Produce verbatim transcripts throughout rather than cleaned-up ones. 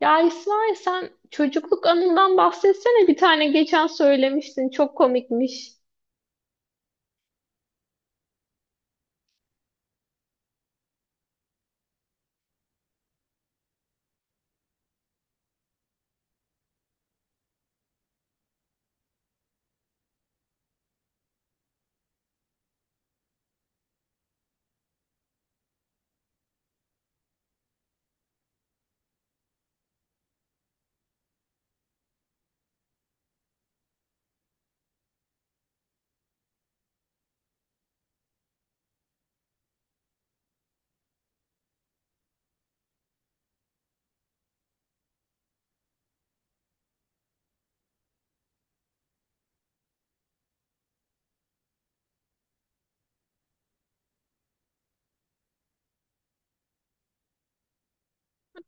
Ya İsmail sen çocukluk anından bahsetsene bir tane geçen söylemiştin çok komikmiş.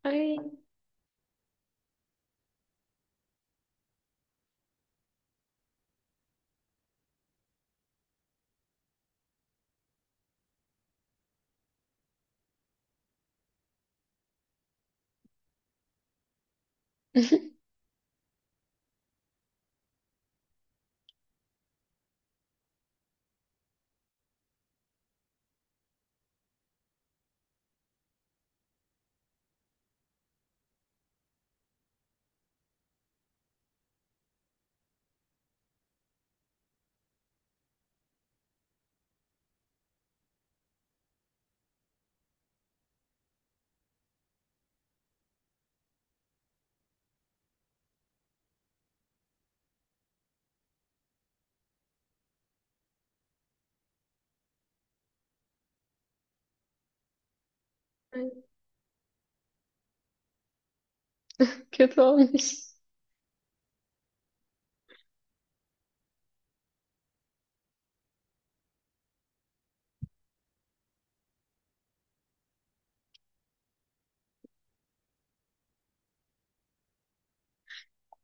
Ay kötü olmuş.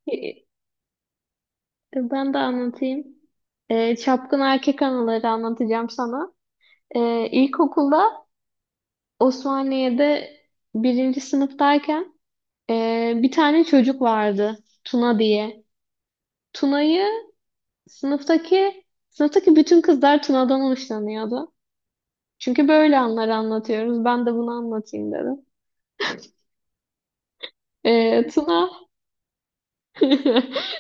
E, Ben de anlatayım. Ee, çapkın erkek anıları anlatacağım sana. Ee, ilkokulda Osmaniye'de birinci sınıftayken ee, bir tane çocuk vardı Tuna diye. Tuna'yı sınıftaki sınıftaki bütün kızlar Tuna'dan hoşlanıyordu. Çünkü böyle anları anlatıyoruz. Ben de bunu anlatayım dedim. Ee, Tuna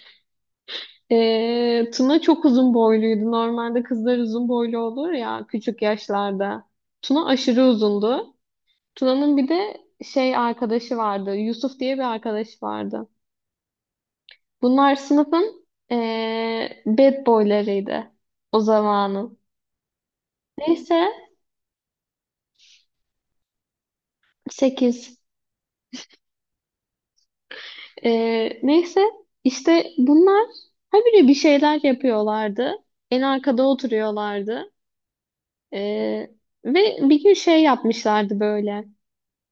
Ee, Tuna çok uzun boyluydu. Normalde kızlar uzun boylu olur ya küçük yaşlarda. Tuna aşırı uzundu. Tuna'nın bir de şey arkadaşı vardı. Yusuf diye bir arkadaşı vardı. Bunlar sınıfın ee, bad boylarıydı o zamanın. Neyse, sekiz. Ee, neyse, işte bunlar habire bir şeyler yapıyorlardı. En arkada oturuyorlardı. Ee, ve bir gün şey yapmışlardı böyle.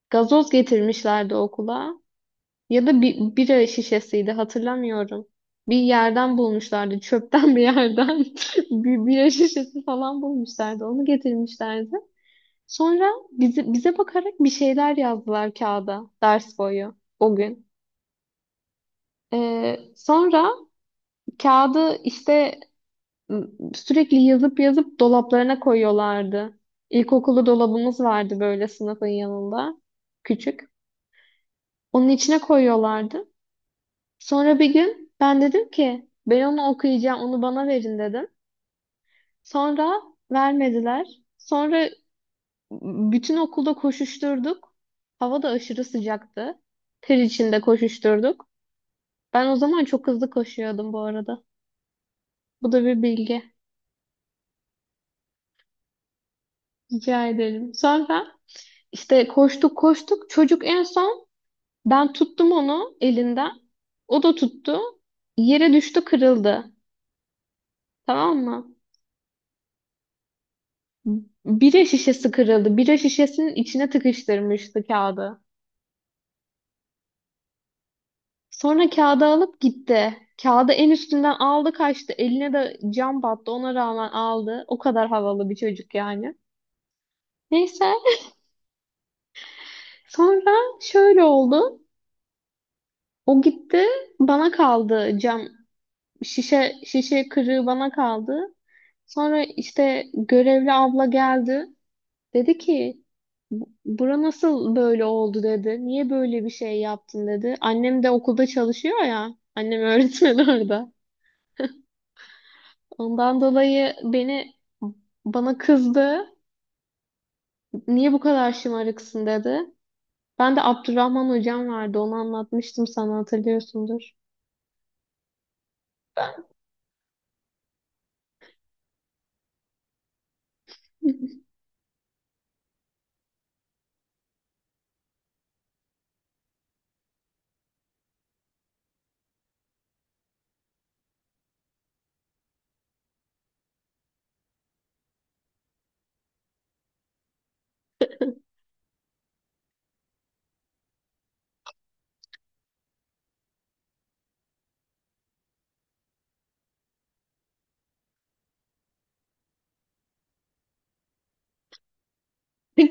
Gazoz getirmişlerdi okula. Ya da bir bira şişesiydi, hatırlamıyorum. Bir yerden bulmuşlardı. Çöpten bir yerden. Bir bira şişesi falan bulmuşlardı. Onu getirmişlerdi. Sonra bize, bize bakarak bir şeyler yazdılar kağıda ders boyu o gün. Ee, sonra kağıdı işte sürekli yazıp yazıp dolaplarına koyuyorlardı. İlkokulu dolabımız vardı böyle sınıfın yanında. Küçük. Onun içine koyuyorlardı. Sonra bir gün ben dedim ki ben onu okuyacağım, onu bana verin dedim. Sonra vermediler. Sonra bütün okulda koşuşturduk. Hava da aşırı sıcaktı. Ter içinde koşuşturduk. Ben o zaman çok hızlı koşuyordum bu arada. Bu da bir bilgi. Rica ederim. Sonra İşte koştuk koştuk. Çocuk en son, ben tuttum onu elinden. O da tuttu. Yere düştü, kırıldı. Tamam mı? Bira şişesi kırıldı. Bira şişesinin içine tıkıştırmıştı kağıdı. Sonra kağıdı alıp gitti. Kağıdı en üstünden aldı, kaçtı. Eline de cam battı. Ona rağmen aldı. O kadar havalı bir çocuk yani. Neyse. Sonra şöyle oldu. O gitti. Bana kaldı cam. Şişe şişe kırığı bana kaldı. Sonra işte görevli abla geldi. Dedi ki, "Bu- bura nasıl böyle oldu?" dedi. "Niye böyle bir şey yaptın?" dedi. Annem de okulda çalışıyor ya. Annem öğretmen orada. Ondan dolayı beni bana kızdı. "Niye bu kadar şımarıksın?" dedi. Ben de Abdurrahman hocam vardı, onu anlatmıştım sana, hatırlıyorsundur.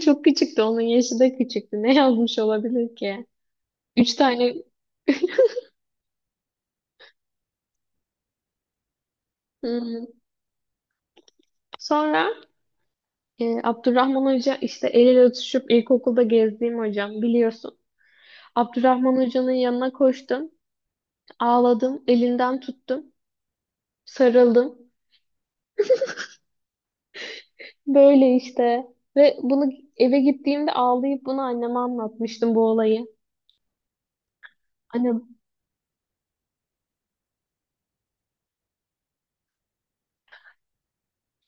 Çok küçüktü. Onun yaşı da küçüktü. Ne yazmış olabilir ki? Üç tane Hmm. Sonra Ee, Abdurrahman Hoca, işte el ele tutuşup ilkokulda gezdiğim hocam, biliyorsun. Abdurrahman Hoca'nın yanına koştum, ağladım, elinden tuttum, sarıldım. Böyle işte, ve bunu eve gittiğimde ağlayıp bunu anneme anlatmıştım, bu olayı. Annem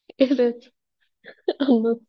evet, anlat.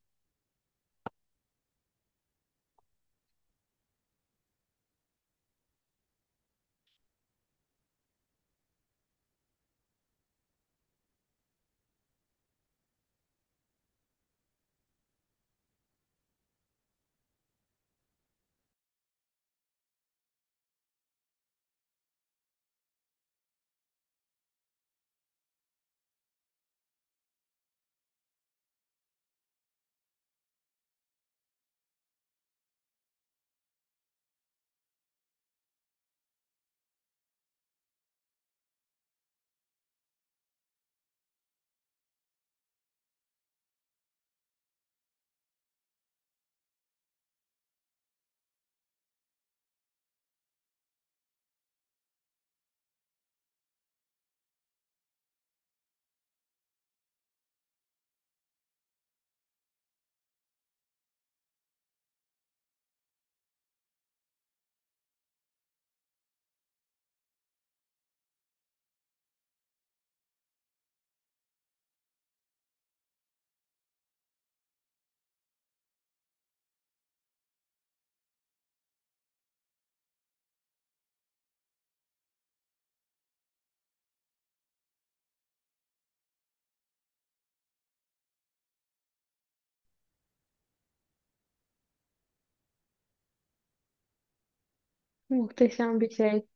Muhteşem bir şey.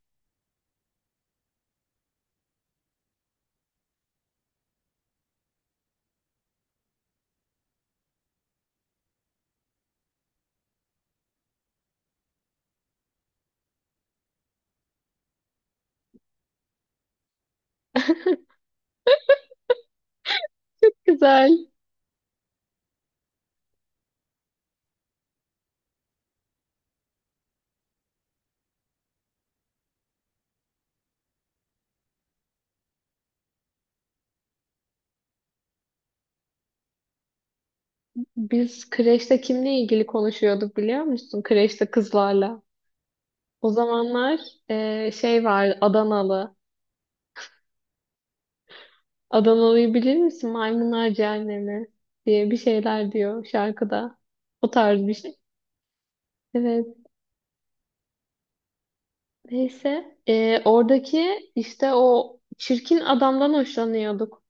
Güzel. Biz kreşte kimle ilgili konuşuyorduk biliyor musun? Kreşte kızlarla. O zamanlar e, şey var, Adanalı. Adanalı'yı bilir misin? Maymunlar Cehennemi diye bir şeyler diyor şarkıda. O tarz bir şey. Evet. Neyse. Ee, oradaki işte o çirkin adamdan hoşlanıyorduk.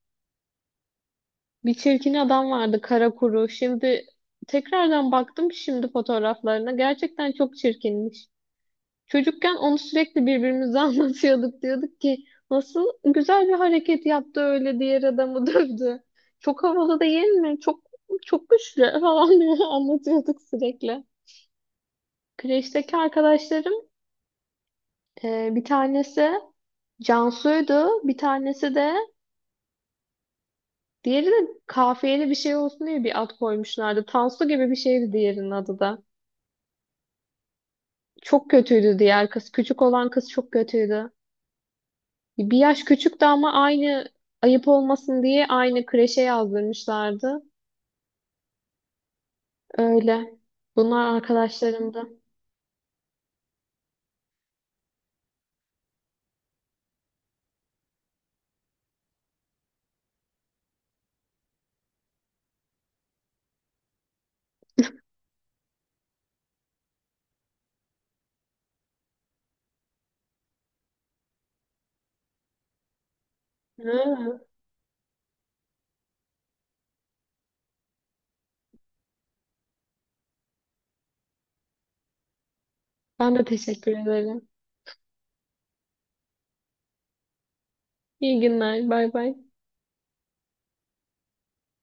Bir çirkin adam vardı, kara kuru. Şimdi tekrardan baktım şimdi fotoğraflarına. Gerçekten çok çirkinmiş. Çocukken onu sürekli birbirimize anlatıyorduk. Diyorduk ki nasıl güzel bir hareket yaptı öyle, diğer adamı dövdü. Çok havalı değil mi? Çok çok güçlü falan diye anlatıyorduk sürekli. Kreşteki arkadaşlarım, e, bir tanesi Cansu'ydu. Bir tanesi de, diğeri de, kafiyeli bir şey olsun diye bir ad koymuşlardı. Tansu gibi bir şeydi diğerinin adı da. Çok kötüydü diğer kız. Küçük olan kız çok kötüydü. Bir yaş küçüktü ama aynı, ayıp olmasın diye, aynı kreşe yazdırmışlardı. Öyle. Bunlar arkadaşlarımdı. Hı. Ben de teşekkür ederim. İyi günler. Bay bay.